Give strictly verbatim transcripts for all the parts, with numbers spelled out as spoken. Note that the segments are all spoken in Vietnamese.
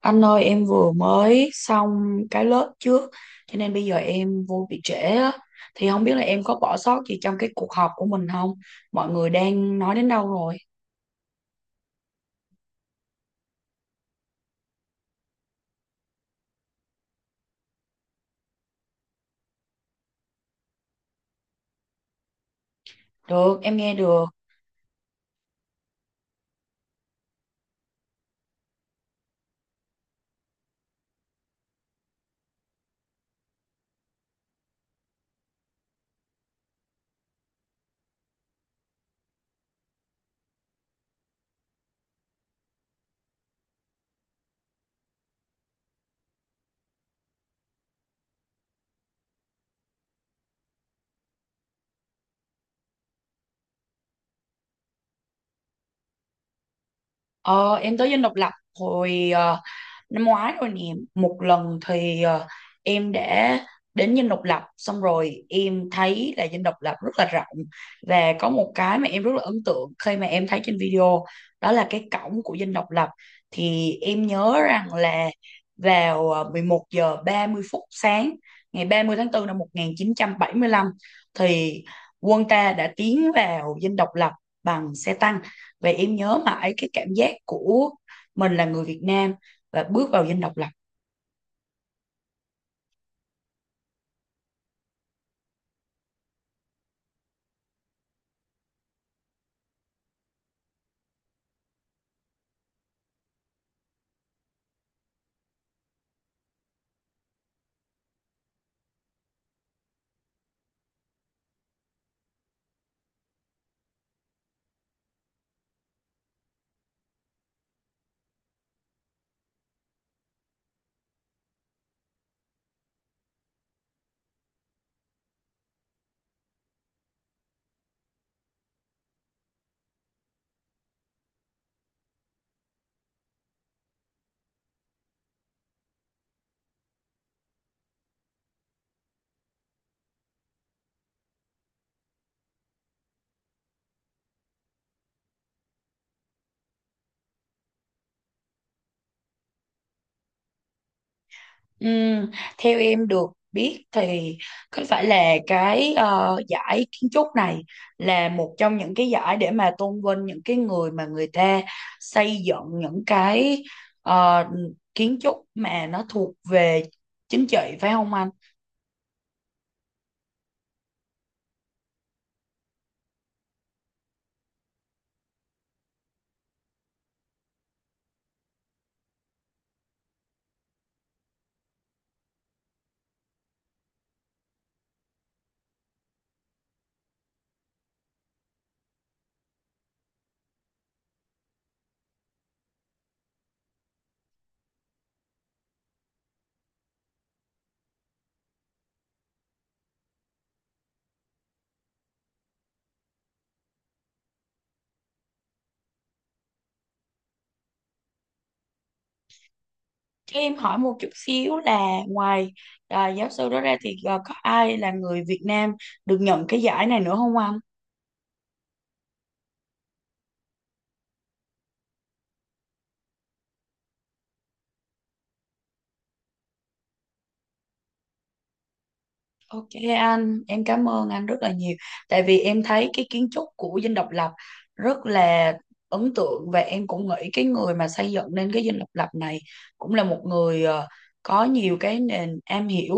Anh ơi em vừa mới xong cái lớp trước cho nên bây giờ em vô bị trễ á. Thì không biết là em có bỏ sót gì trong cái cuộc họp của mình không? Mọi người đang nói đến đâu rồi? Được, em nghe được. Ờ, em tới Dinh Độc Lập hồi ờ, năm ngoái rồi nè, một lần thì ờ, em đã đến Dinh Độc Lập, xong rồi em thấy là Dinh Độc Lập rất là rộng và có một cái mà em rất là ấn tượng khi mà em thấy trên video, đó là cái cổng của Dinh Độc Lập. Thì em nhớ rằng là vào ờ, mười một giờ ba mươi phút sáng ngày ba mươi tháng tư năm một chín bảy lăm thì quân ta đã tiến vào Dinh Độc Lập bằng xe tăng, và em nhớ mãi cái cảm giác của mình là người Việt Nam và bước vào Dinh Độc Lập. Ừm, Theo em được biết thì có phải là cái ờ, giải kiến trúc này là một trong những cái giải để mà tôn vinh những cái người mà người ta xây dựng những cái ờ, kiến trúc mà nó thuộc về chính trị, phải không anh? Cho em hỏi một chút xíu là ngoài ờ, giáo sư đó ra thì ờ, có ai là người Việt Nam được nhận cái giải này nữa không anh? Ok anh, em cảm ơn anh rất là nhiều. Tại vì em thấy cái kiến trúc của Dinh Độc Lập rất là ấn tượng, và em cũng nghĩ cái người mà xây dựng nên cái Dinh Độc Lập này cũng là một người ờ, có nhiều cái nền am hiểu,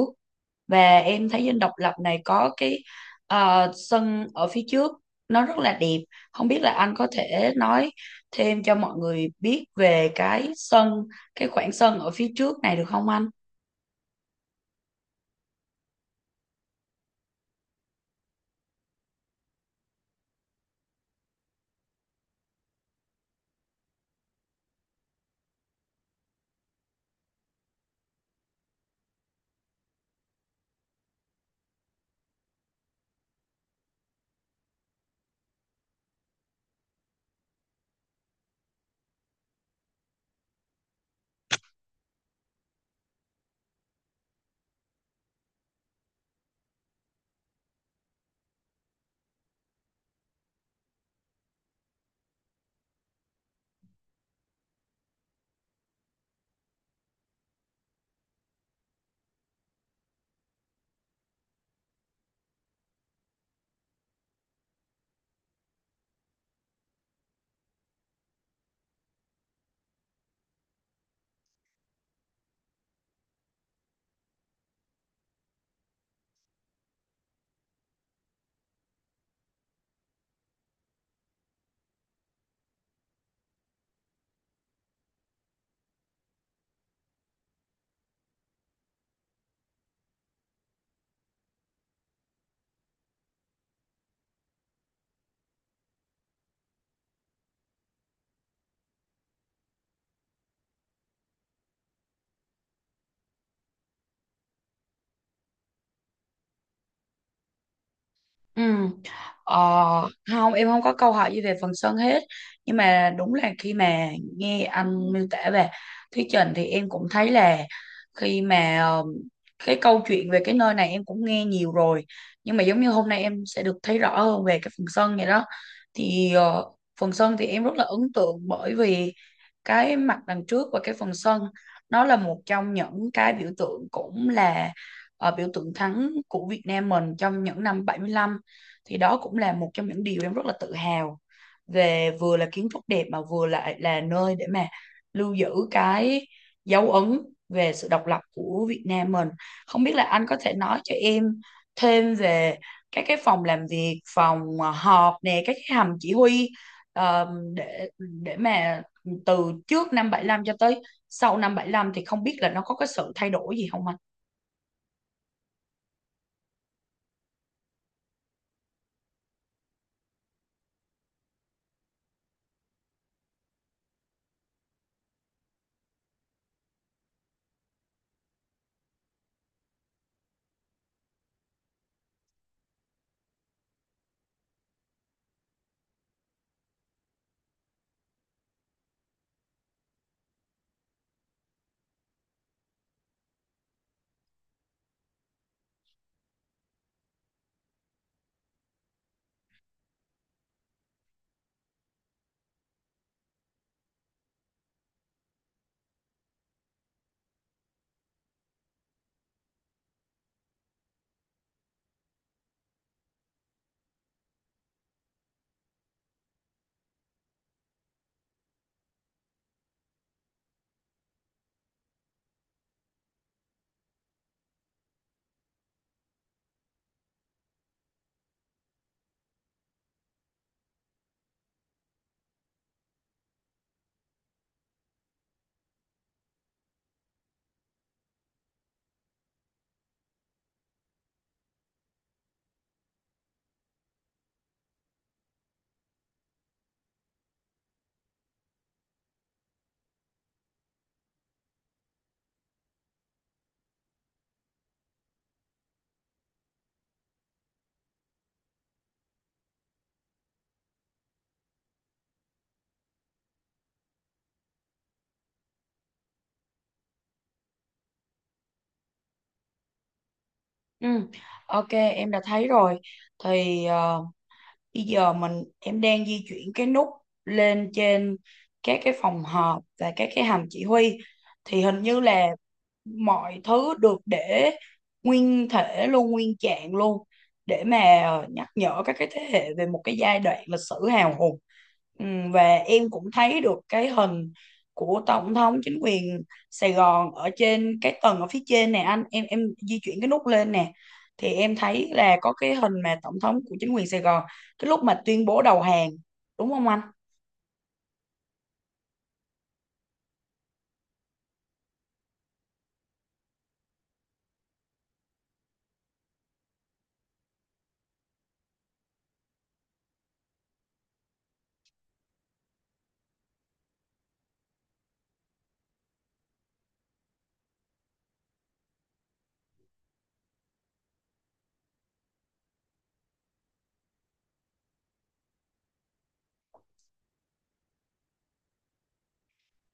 và em thấy Dinh Độc Lập này có cái ờ, sân ở phía trước nó rất là đẹp. Không biết là anh có thể nói thêm cho mọi người biết về cái sân, cái khoảng sân ở phía trước này được không anh? Ừ. Ờ, Không, em không có câu hỏi gì về phần sân hết, nhưng mà đúng là khi mà nghe anh miêu tả về thuyết trình thì em cũng thấy là khi mà ờ, cái câu chuyện về cái nơi này em cũng nghe nhiều rồi, nhưng mà giống như hôm nay em sẽ được thấy rõ hơn về cái phần sân vậy đó. Thì ờ, phần sân thì em rất là ấn tượng, bởi vì cái mặt đằng trước và cái phần sân nó là một trong những cái biểu tượng, cũng là ờ, biểu tượng thắng của Việt Nam mình trong những năm bảy mươi lăm, thì đó cũng là một trong những điều em rất là tự hào, về vừa là kiến trúc đẹp mà vừa lại là là nơi để mà lưu giữ cái dấu ấn về sự độc lập của Việt Nam mình. Không biết là anh có thể nói cho em thêm về các cái phòng làm việc, phòng à, họp nè, các cái hầm chỉ huy ờ, để để mà từ trước năm bảy lăm cho tới sau năm bảy mươi lăm thì không biết là nó có cái sự thay đổi gì không anh? Ừ. Ok, em đã thấy rồi. Thì ờ, bây giờ mình em đang di chuyển cái nút lên trên các cái phòng họp và các cái hầm chỉ huy thì hình như là mọi thứ được để nguyên thể luôn, nguyên trạng luôn, để mà nhắc nhở các cái thế hệ về một cái giai đoạn lịch sử hào hùng. Ừm, và em cũng thấy được cái hình của tổng thống chính quyền Sài Gòn ở trên cái tầng ở phía trên nè anh, em em di chuyển cái nút lên nè, thì em thấy là có cái hình mà tổng thống của chính quyền Sài Gòn cái lúc mà tuyên bố đầu hàng, đúng không anh?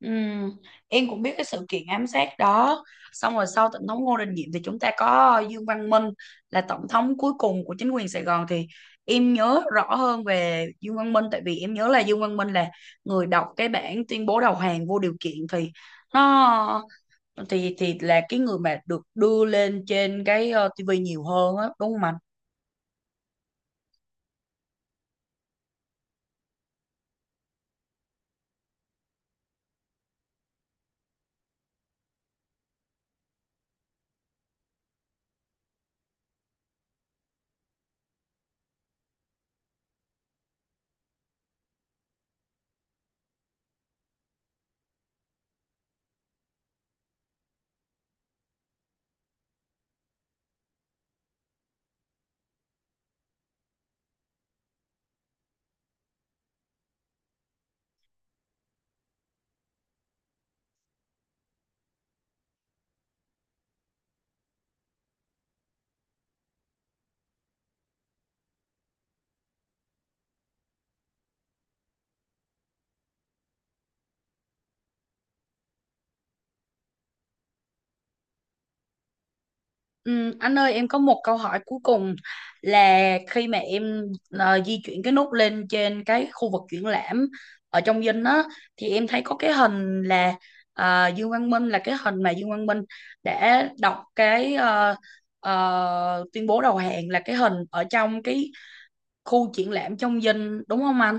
Ừm, em cũng biết cái sự kiện ám sát đó. Xong rồi sau tổng thống Ngô Đình Diệm thì chúng ta có Dương Văn Minh là tổng thống cuối cùng của chính quyền Sài Gòn, thì em nhớ rõ hơn về Dương Văn Minh, tại vì em nhớ là Dương Văn Minh là người đọc cái bản tuyên bố đầu hàng vô điều kiện, thì nó thì thì là cái người mà được đưa lên trên cái uh, tê vê nhiều hơn á, đúng không anh? Ừm, anh ơi em có một câu hỏi cuối cùng là khi mà em ờ, di chuyển cái nút lên trên cái khu vực triển lãm ở trong dinh á, thì em thấy có cái hình là ờ, Dương Văn Minh, là cái hình mà Dương Văn Minh đã đọc cái ờ, ờ, tuyên bố đầu hàng, là cái hình ở trong cái khu triển lãm trong dinh, đúng không anh?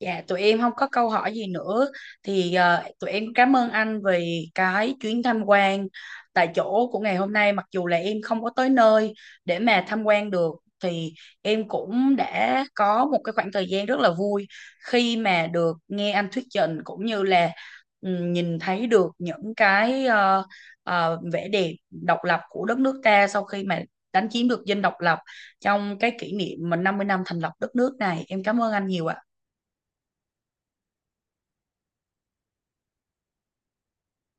Dạ, tụi em không có câu hỏi gì nữa, thì ờ, tụi em cảm ơn anh vì cái chuyến tham quan tại chỗ của ngày hôm nay. Mặc dù là em không có tới nơi để mà tham quan được, thì em cũng đã có một cái khoảng thời gian rất là vui khi mà được nghe anh thuyết trình, cũng như là ừ, nhìn thấy được những cái ờ, ờ, vẻ đẹp độc lập của đất nước ta sau khi mà đánh chiếm được Dinh Độc Lập, trong cái kỷ niệm mà năm mươi năm thành lập đất nước này. Em cảm ơn anh nhiều ạ.